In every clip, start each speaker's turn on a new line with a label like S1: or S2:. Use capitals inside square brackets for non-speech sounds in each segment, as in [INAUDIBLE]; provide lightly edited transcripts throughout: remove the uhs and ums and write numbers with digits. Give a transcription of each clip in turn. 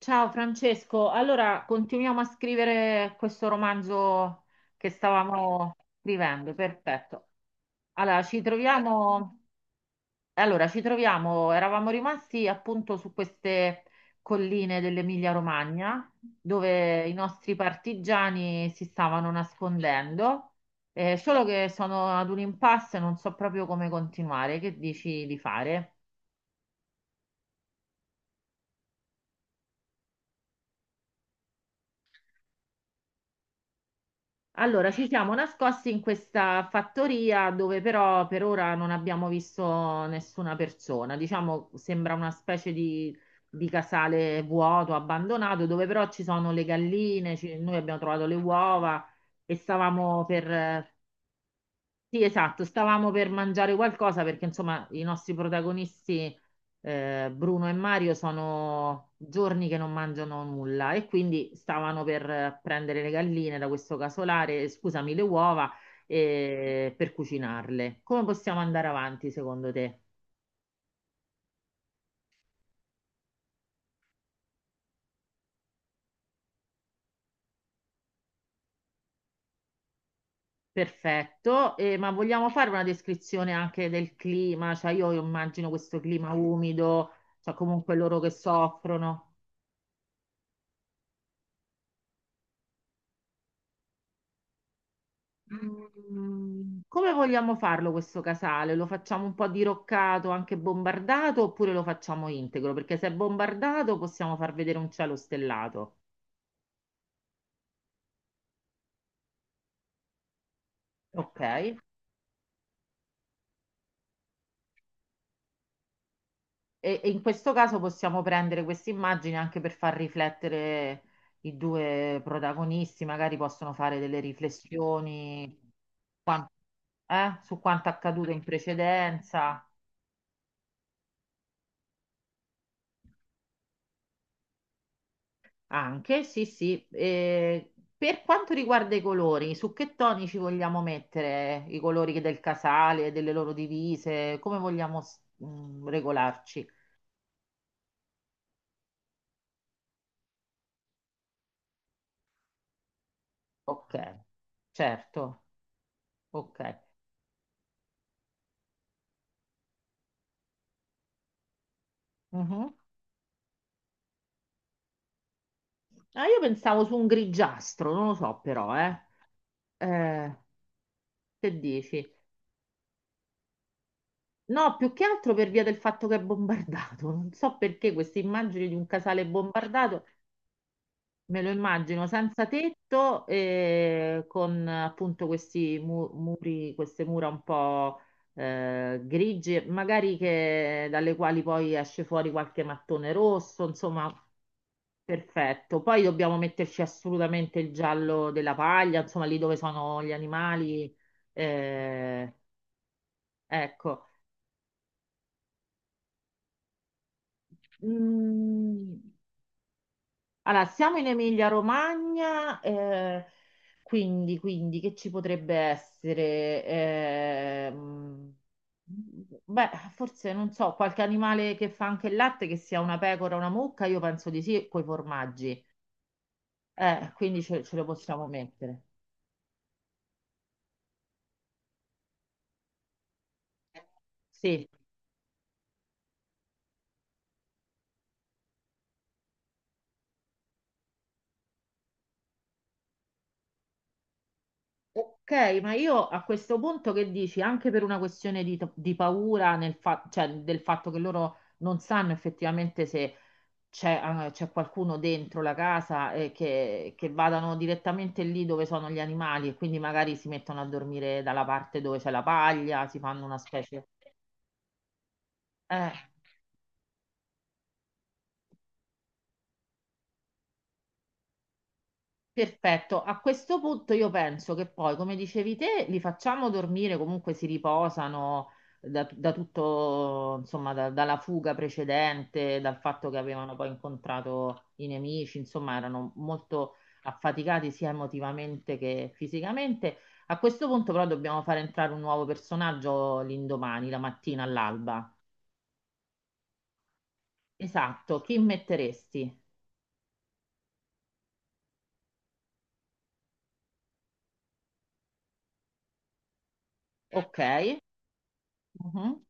S1: Ciao Francesco, allora continuiamo a scrivere questo romanzo che stavamo scrivendo, perfetto. Allora, ci troviamo, allora, ci troviamo, eravamo rimasti appunto su queste colline dell'Emilia-Romagna dove i nostri partigiani si stavano nascondendo, solo che sono ad un impasse e non so proprio come continuare, che dici di fare? Allora, ci siamo nascosti in questa fattoria dove però per ora non abbiamo visto nessuna persona. Diciamo, sembra una specie di casale vuoto, abbandonato, dove però ci sono le galline, noi abbiamo trovato le uova e stavamo per sì, esatto, stavamo per mangiare qualcosa perché insomma i nostri protagonisti Bruno e Mario sono giorni che non mangiano nulla e quindi stavano per prendere le galline da questo casolare, scusami, le uova per cucinarle. Come possiamo andare avanti secondo te? Perfetto, ma vogliamo fare una descrizione anche del clima? Cioè io immagino questo clima umido, cioè comunque loro che soffrono. Come vogliamo farlo questo casale? Lo facciamo un po' diroccato, anche bombardato, oppure lo facciamo integro? Perché se è bombardato possiamo far vedere un cielo stellato, ok? E in questo caso possiamo prendere queste immagini anche per far riflettere i due protagonisti, magari possono fare delle riflessioni quan- su quanto accaduto in precedenza. Anche, sì, sì. Per quanto riguarda i colori, su che toni ci vogliamo mettere i colori del casale, delle loro divise, come vogliamo regolarci? Ok, certo, ok. Mhm. Ah, io pensavo su un grigiastro, non lo so però, eh. Eh, che dici? No, più che altro per via del fatto che è bombardato. Non so perché queste immagini di un casale bombardato me lo immagino senza tetto, con appunto questi muri, queste mura un po' grigie, magari che, dalle quali poi esce fuori qualche mattone rosso, insomma, perfetto. Poi dobbiamo metterci assolutamente il giallo della paglia, insomma, lì dove sono gli animali. Eh, ecco. Mm, allora, siamo in Emilia-Romagna, quindi, quindi che ci potrebbe essere? Beh, forse non so, qualche animale che fa anche il latte, che sia una pecora o una mucca, io penso di sì, coi formaggi. Quindi ce, ce lo possiamo mettere. Sì. Ok, ma io a questo punto che dici? Anche per una questione di paura nel cioè, del fatto che loro non sanno effettivamente se c'è, c'è qualcuno dentro la casa e che vadano direttamente lì dove sono gli animali e quindi magari si mettono a dormire dalla parte dove c'è la paglia, si fanno una specie... Eh. Perfetto, a questo punto io penso che poi, come dicevi te, li facciamo dormire, comunque si riposano da tutto, insomma, dalla fuga precedente, dal fatto che avevano poi incontrato i nemici, insomma, erano molto affaticati sia emotivamente che fisicamente. A questo punto però dobbiamo fare entrare un nuovo personaggio l'indomani, la mattina all'alba. Esatto, chi metteresti? Ok. Mhm.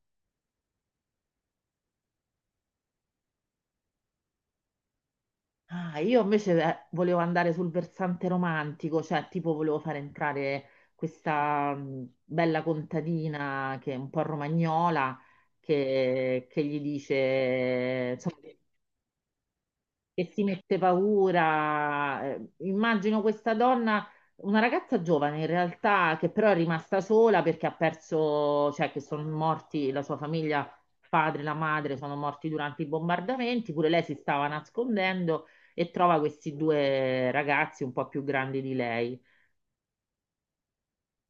S1: Ah, io invece volevo andare sul versante romantico, cioè tipo volevo fare entrare questa bella contadina che è un po' romagnola, che gli dice, insomma, che si mette paura. Immagino questa donna, una ragazza giovane in realtà, che però è rimasta sola perché ha perso, cioè che sono morti la sua famiglia, il padre, la madre, sono morti durante i bombardamenti, pure lei si stava nascondendo e trova questi due ragazzi un po' più grandi di lei.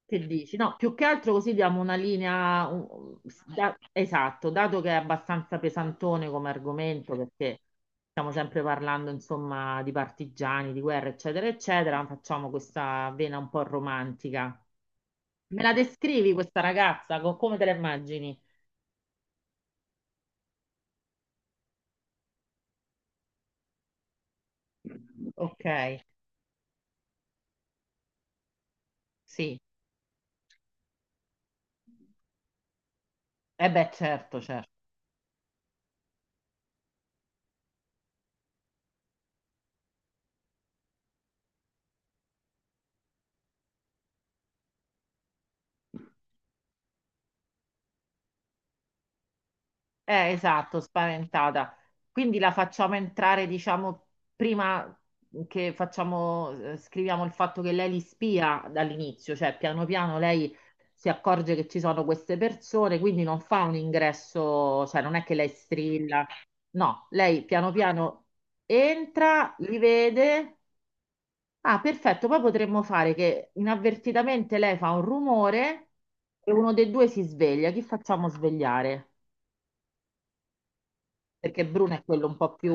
S1: Che dici? No, più che altro così diamo una linea, esatto, dato che è abbastanza pesantone come argomento, perché stiamo sempre parlando, insomma, di partigiani, di guerra, eccetera, eccetera, facciamo questa vena un po' romantica. Me la descrivi questa ragazza? Come te la immagini? Ok, sì. E beh, certo, certo. Esatto, spaventata. Quindi la facciamo entrare, diciamo, prima che facciamo, scriviamo il fatto che lei li spia dall'inizio, cioè piano piano lei si accorge che ci sono queste persone, quindi non fa un ingresso, cioè non è che lei strilla, no, lei piano piano entra, li vede. Ah, perfetto, poi potremmo fare che inavvertitamente lei fa un rumore e uno dei due si sveglia. Chi facciamo svegliare? Perché Bruno è quello un po' più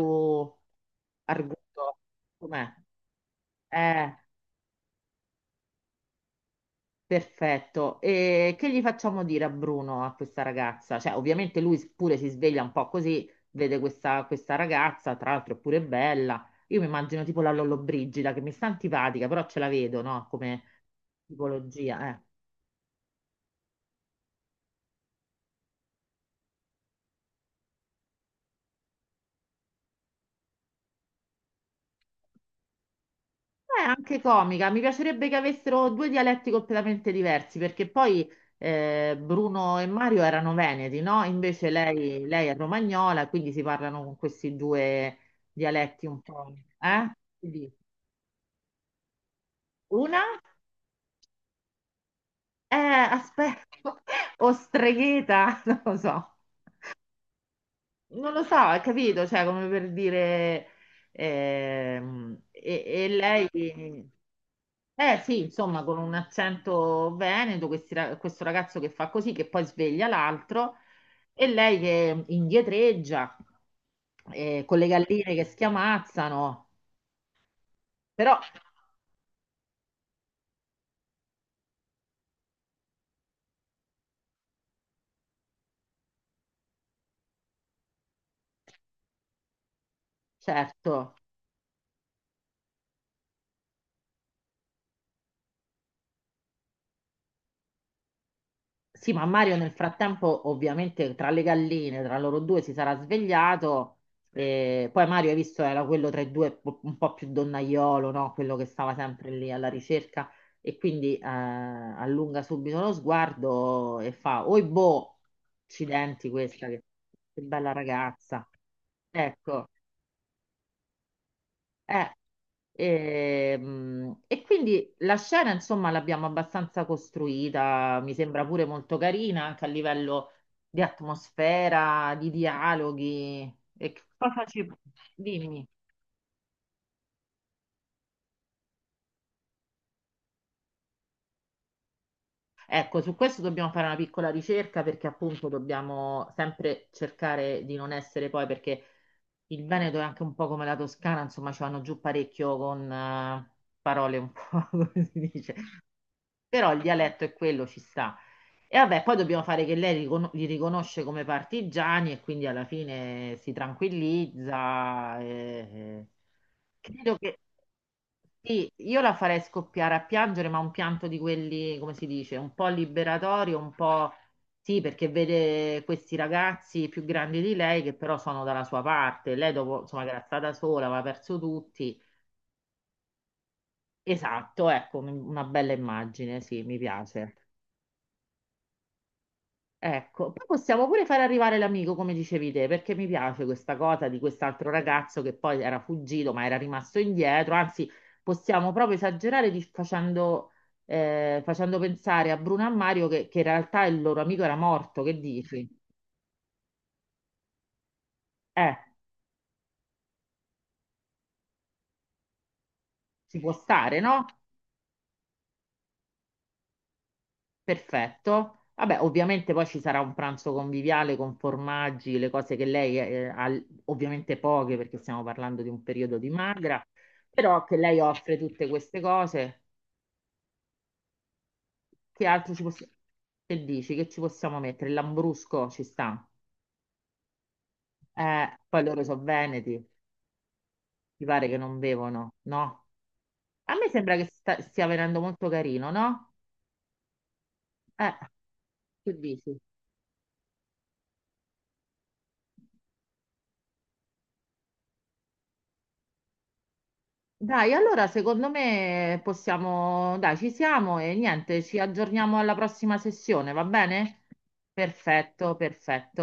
S1: arguto. Com'è? Eh, perfetto. E che gli facciamo dire a Bruno, a questa ragazza? Cioè, ovviamente lui pure si sveglia un po' così, vede questa, questa ragazza, tra l'altro è pure bella. Io mi immagino tipo la Lollobrigida, che mi sta antipatica, però ce la vedo, no? Come tipologia, eh. È anche comica, mi piacerebbe che avessero due dialetti completamente diversi, perché poi Bruno e Mario erano veneti, no? Invece lei, lei è romagnola, quindi si parlano con questi due dialetti un po'. Eh? Quindi, una è, aspetta, [LAUGHS] o stregheta, [LAUGHS] non lo so. Non lo so, hai capito? Cioè, come per dire... e lei... Eh sì, insomma, con un accento veneto, questi questo ragazzo che fa così, che poi sveglia l'altro, e lei che indietreggia, con le galline che schiamazzano, però certo. Sì, ma Mario nel frattempo, ovviamente, tra le galline, tra loro due si sarà svegliato. E poi Mario, hai visto, era quello tra i due un po' più donnaiolo, no? Quello che stava sempre lì alla ricerca. E quindi allunga subito lo sguardo e fa: Oi boh, accidenti questa, che bella ragazza. Ecco. Eh, e, quindi la scena, insomma, l'abbiamo abbastanza costruita, mi sembra pure molto carina anche a livello di atmosfera, di dialoghi. E che cosa ci... Dimmi. Ecco, su questo dobbiamo fare una piccola ricerca perché appunto dobbiamo sempre cercare di non essere poi, perché il Veneto è anche un po' come la Toscana, insomma, ci vanno giù parecchio con parole un po', [LAUGHS] come si dice. Però il dialetto è quello, ci sta. E vabbè, poi dobbiamo fare che lei li riconosce come partigiani e quindi alla fine si tranquillizza. Credo che sì, io la farei scoppiare a piangere, ma un pianto di quelli, come si dice, un po' liberatorio, un po' sì, perché vede questi ragazzi più grandi di lei che però sono dalla sua parte. Lei dopo, insomma, che era stata sola, aveva perso tutti. Esatto, ecco, una bella immagine, sì, mi piace. Ecco, poi possiamo pure far arrivare l'amico, come dicevi te, perché mi piace questa cosa di quest'altro ragazzo che poi era fuggito ma era rimasto indietro. Anzi, possiamo proprio esagerare facendo, facendo pensare a Bruno e a Mario che in realtà il loro amico era morto. Che dici? Eh, ci può stare, no? Perfetto. Vabbè, ovviamente poi ci sarà un pranzo conviviale con formaggi, le cose che lei ha, ovviamente poche perché stiamo parlando di un periodo di magra, però che lei offre tutte queste cose. Che altro ci possiamo... Che dici? Che ci possiamo mettere? Il Lambrusco ci sta. Poi loro sono veneti, mi pare che non bevono, no? A me sembra che stia venendo molto carino, no? Eh, che dici? Dai, allora secondo me possiamo, dai, ci siamo e niente, ci aggiorniamo alla prossima sessione, va bene? Perfetto, perfetto.